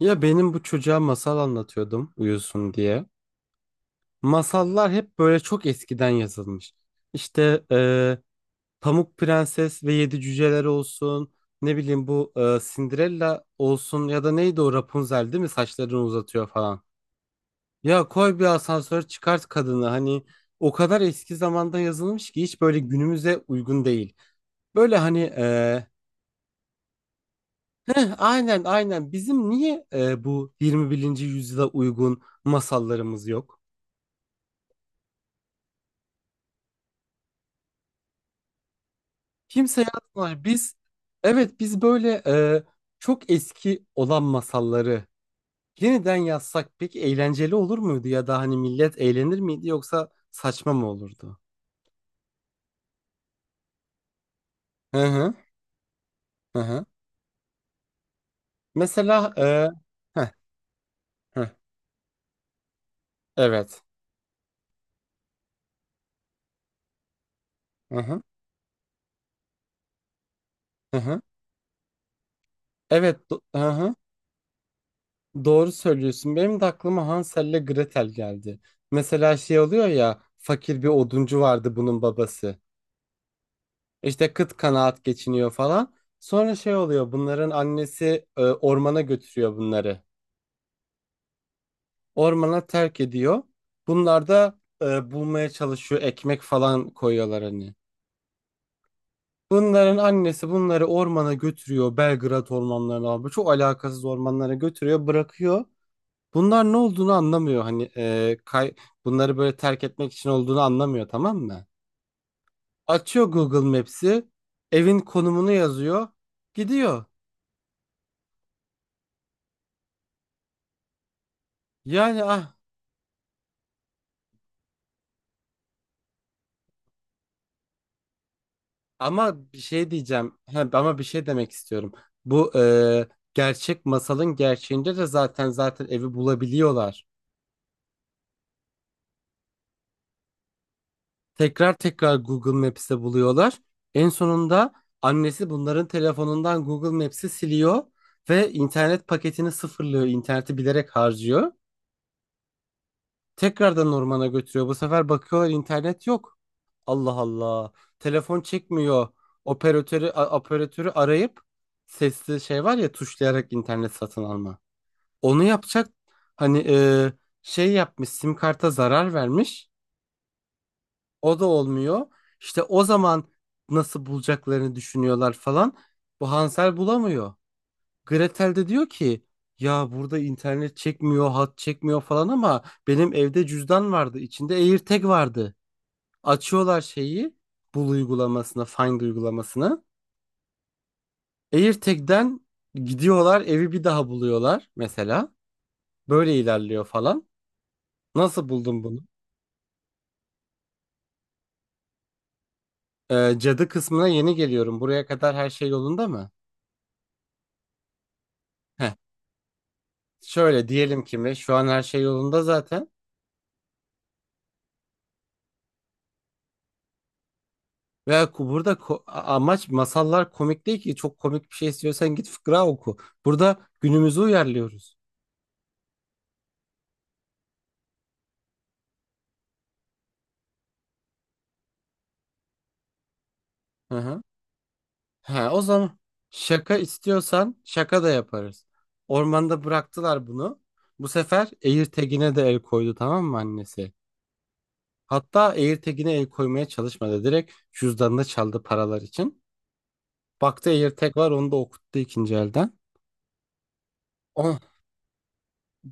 Ya benim bu çocuğa masal anlatıyordum uyusun diye. Masallar hep böyle çok eskiden yazılmış. İşte Pamuk Prenses ve Yedi Cüceler olsun. Ne bileyim bu Cinderella olsun ya da neydi o Rapunzel, değil mi? Saçlarını uzatıyor falan. Ya koy bir asansör, çıkart kadını. Hani o kadar eski zamanda yazılmış ki hiç böyle günümüze uygun değil. Böyle hani heh, aynen aynen bizim niye bu 21. yüzyıla uygun masallarımız yok? Kimse yazmıyor. Biz, evet, biz böyle çok eski olan masalları yeniden yazsak peki eğlenceli olur muydu ya da hani millet eğlenir miydi yoksa saçma mı olurdu? Hı hı, hı hı. Mesela heh, heh, evet. Hı hı, hı hı. Evet, hı hı. Doğru söylüyorsun. Benim de aklıma Hansel'le Gretel geldi. Mesela şey oluyor ya, fakir bir oduncu vardı bunun babası. İşte kıt kanaat geçiniyor falan. Sonra şey oluyor, bunların annesi ormana götürüyor bunları. Ormana terk ediyor. Bunlar da bulmaya çalışıyor, ekmek falan koyuyorlar hani. Bunların annesi bunları ormana götürüyor. Belgrad ormanlarına abi, çok alakasız ormanlara götürüyor bırakıyor. Bunlar ne olduğunu anlamıyor hani, e, kay bunları böyle terk etmek için olduğunu anlamıyor, tamam mı? Açıyor Google Maps'i, evin konumunu yazıyor, gidiyor. Yani. Ama bir şey diyeceğim. He, ama bir şey demek istiyorum. Bu gerçek masalın gerçeğinde de zaten zaten evi bulabiliyorlar. Tekrar tekrar Google Maps'te buluyorlar. En sonunda annesi bunların telefonundan Google Maps'i siliyor ve internet paketini sıfırlıyor. İnterneti bilerek harcıyor. Tekrardan ormana götürüyor. Bu sefer bakıyorlar, internet yok. Allah Allah. Telefon çekmiyor. Operatörü arayıp, sesli şey var ya, tuşlayarak internet satın alma. Onu yapacak hani, şey yapmış, sim karta zarar vermiş. O da olmuyor. İşte o zaman nasıl bulacaklarını düşünüyorlar falan. Bu Hansel bulamıyor. Gretel de diyor ki ya, burada internet çekmiyor, hat çekmiyor falan ama benim evde cüzdan vardı. İçinde AirTag vardı. Açıyorlar şeyi, bul uygulamasını, Find uygulamasını. AirTag'den gidiyorlar, evi bir daha buluyorlar mesela. Böyle ilerliyor falan. Nasıl buldun bunu? Cadı kısmına yeni geliyorum. Buraya kadar her şey yolunda mı? Heh. Şöyle diyelim ki mi? Şu an her şey yolunda zaten. Ve burada amaç, masallar komik değil ki. Çok komik bir şey istiyorsan git fıkra oku. Burada günümüzü uyarlıyoruz. Hı hı. Ha, o zaman şaka istiyorsan şaka da yaparız. Ormanda bıraktılar bunu. Bu sefer Eğirtegin'e de el koydu, tamam mı annesi? Hatta Eğirtegin'e el koymaya çalışmadı. Direkt cüzdanını çaldı paralar için. Baktı AirTag var, onu da okuttu ikinci elden. O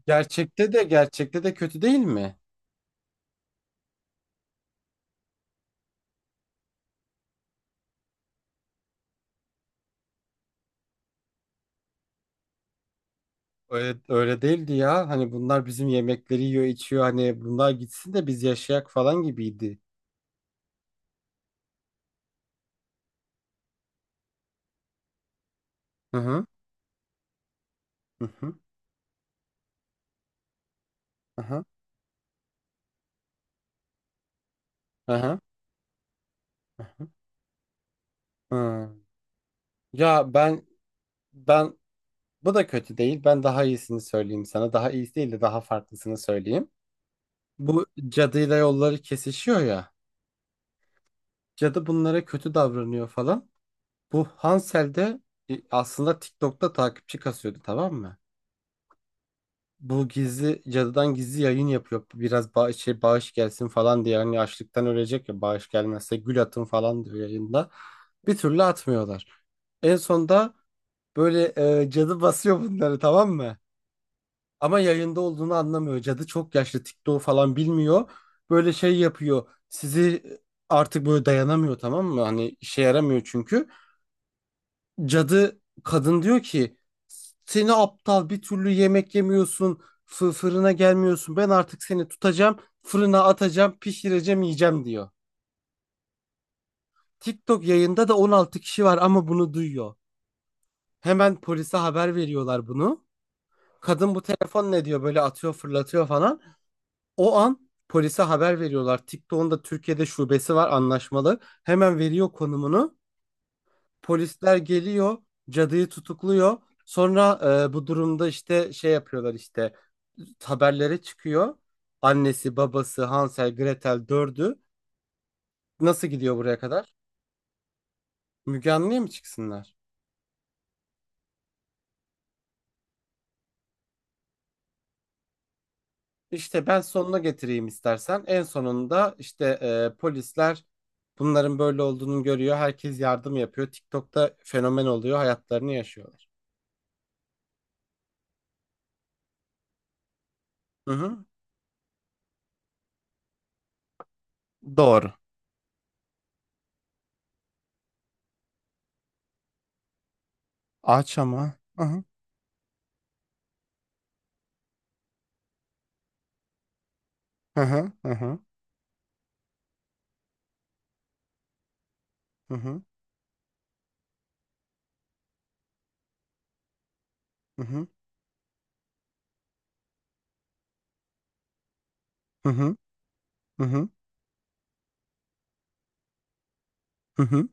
gerçekte de gerçekte de kötü değil mi? Öyle, öyle değildi ya. Hani bunlar bizim yemekleri yiyor, içiyor. Hani bunlar gitsin de biz yaşayak falan gibiydi. Hı hı, hı hı, hı hı, hı hı, hı hı. Hı. Ya, ben bu da kötü değil. Ben daha iyisini söyleyeyim sana. Daha iyisi değil de daha farklısını söyleyeyim. Bu cadıyla yolları kesişiyor ya. Cadı bunlara kötü davranıyor falan. Bu Hansel de aslında TikTok'ta takipçi kasıyordu, tamam mı? Bu gizli cadıdan gizli yayın yapıyor. Biraz bağış, şey, bağış gelsin falan diye. Hani açlıktan ölecek ya, bağış gelmezse gül atın falan diyor yayında. Bir türlü atmıyorlar. En sonunda böyle cadı basıyor bunları, tamam mı? Ama yayında olduğunu anlamıyor. Cadı çok yaşlı, TikTok falan bilmiyor. Böyle şey yapıyor. Artık böyle dayanamıyor, tamam mı? Hani işe yaramıyor çünkü. Cadı kadın diyor ki seni aptal, bir türlü yemek yemiyorsun, fırına gelmiyorsun, ben artık seni tutacağım, fırına atacağım, pişireceğim, yiyeceğim diyor. TikTok yayında da 16 kişi var ama bunu duyuyor. Hemen polise haber veriyorlar bunu. Kadın bu telefon ne diyor böyle, atıyor, fırlatıyor falan. O an polise haber veriyorlar. TikTok'un da Türkiye'de şubesi var anlaşmalı. Hemen veriyor konumunu. Polisler geliyor, cadıyı tutukluyor. Sonra bu durumda işte şey yapıyorlar, işte haberlere çıkıyor. Annesi, babası, Hansel, Gretel dördü. Nasıl gidiyor buraya kadar? Müge Anlı'ya mı çıksınlar? İşte ben sonuna getireyim istersen. En sonunda işte polisler bunların böyle olduğunu görüyor. Herkes yardım yapıyor. TikTok'ta fenomen oluyor. Hayatlarını yaşıyorlar. Hı hı. Doğru. Aç ama. Hı hı, hı hı, hı hı, hı hı, hı hı, hı hı, hı hı, hı hı,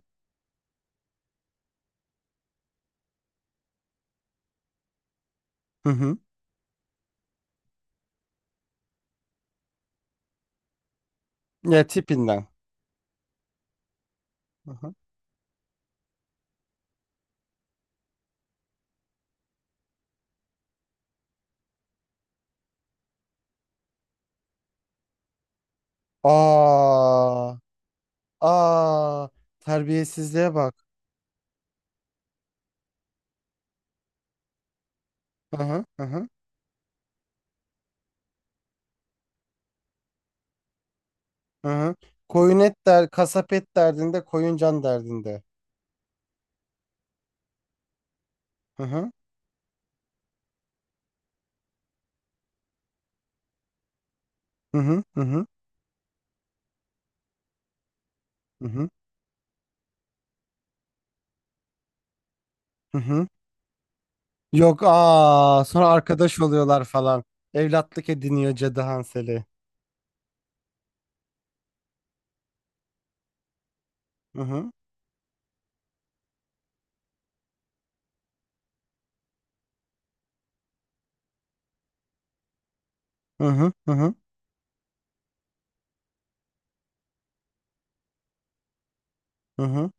hı hı. Ya tipinden. Hı hı. Aa, aa, terbiyesizliğe bak. Hı hı, hı hı, hı hı. Koyun et der, kasap et derdinde, koyun can derdinde. Hı hı, hı hı, hı hı, hı hı, hı hı. Yok aa, sonra arkadaş oluyorlar falan. Evlatlık ediniyor Cadı Hansel'i. Hı hı, hı hı, hı hı, hı hı.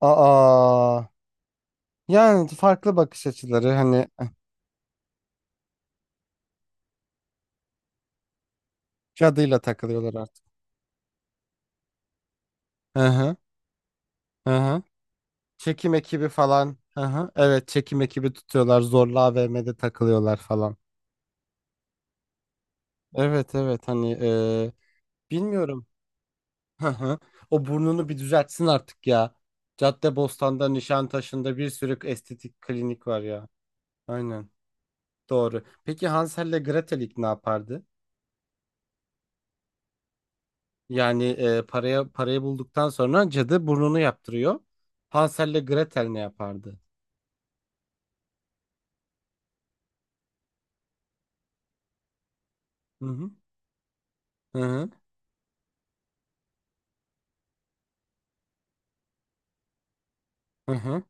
Aa, yani farklı bakış açıları hani cadıyla takılıyorlar artık. Hı hı, hı hı. Çekim ekibi falan. Hı hı. Evet, çekim ekibi tutuyorlar. Zorla AVM'de takılıyorlar falan. Evet evet hani bilmiyorum. Hı hı. O burnunu bir düzeltsin artık ya. Caddebostan'da, Nişantaşı'nda bir sürü estetik klinik var ya. Aynen. Doğru. Peki Hansel'le Gretel ilk ne yapardı? Yani paraya parayı bulduktan sonra cadı burnunu yaptırıyor. Hansel'le Gretel ne yapardı? Hı hı, hı hı, hı hı,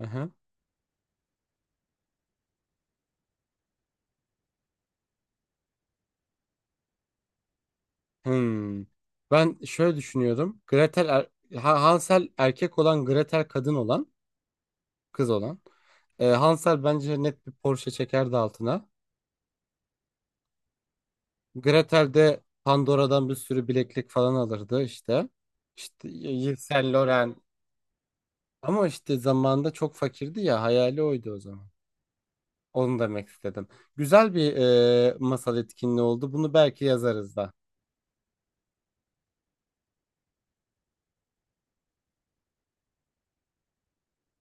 hı hı. Hmm. Ben şöyle düşünüyordum. Hansel erkek olan, Gretel kadın olan, kız olan. Hansel bence net bir Porsche çekerdi altına. Gretel de Pandora'dan bir sürü bileklik falan alırdı işte. İşte Yves Saint Laurent. Ama işte zamanında çok fakirdi ya, hayali oydu o zaman. Onu demek istedim. Güzel bir masal etkinliği oldu. Bunu belki yazarız da.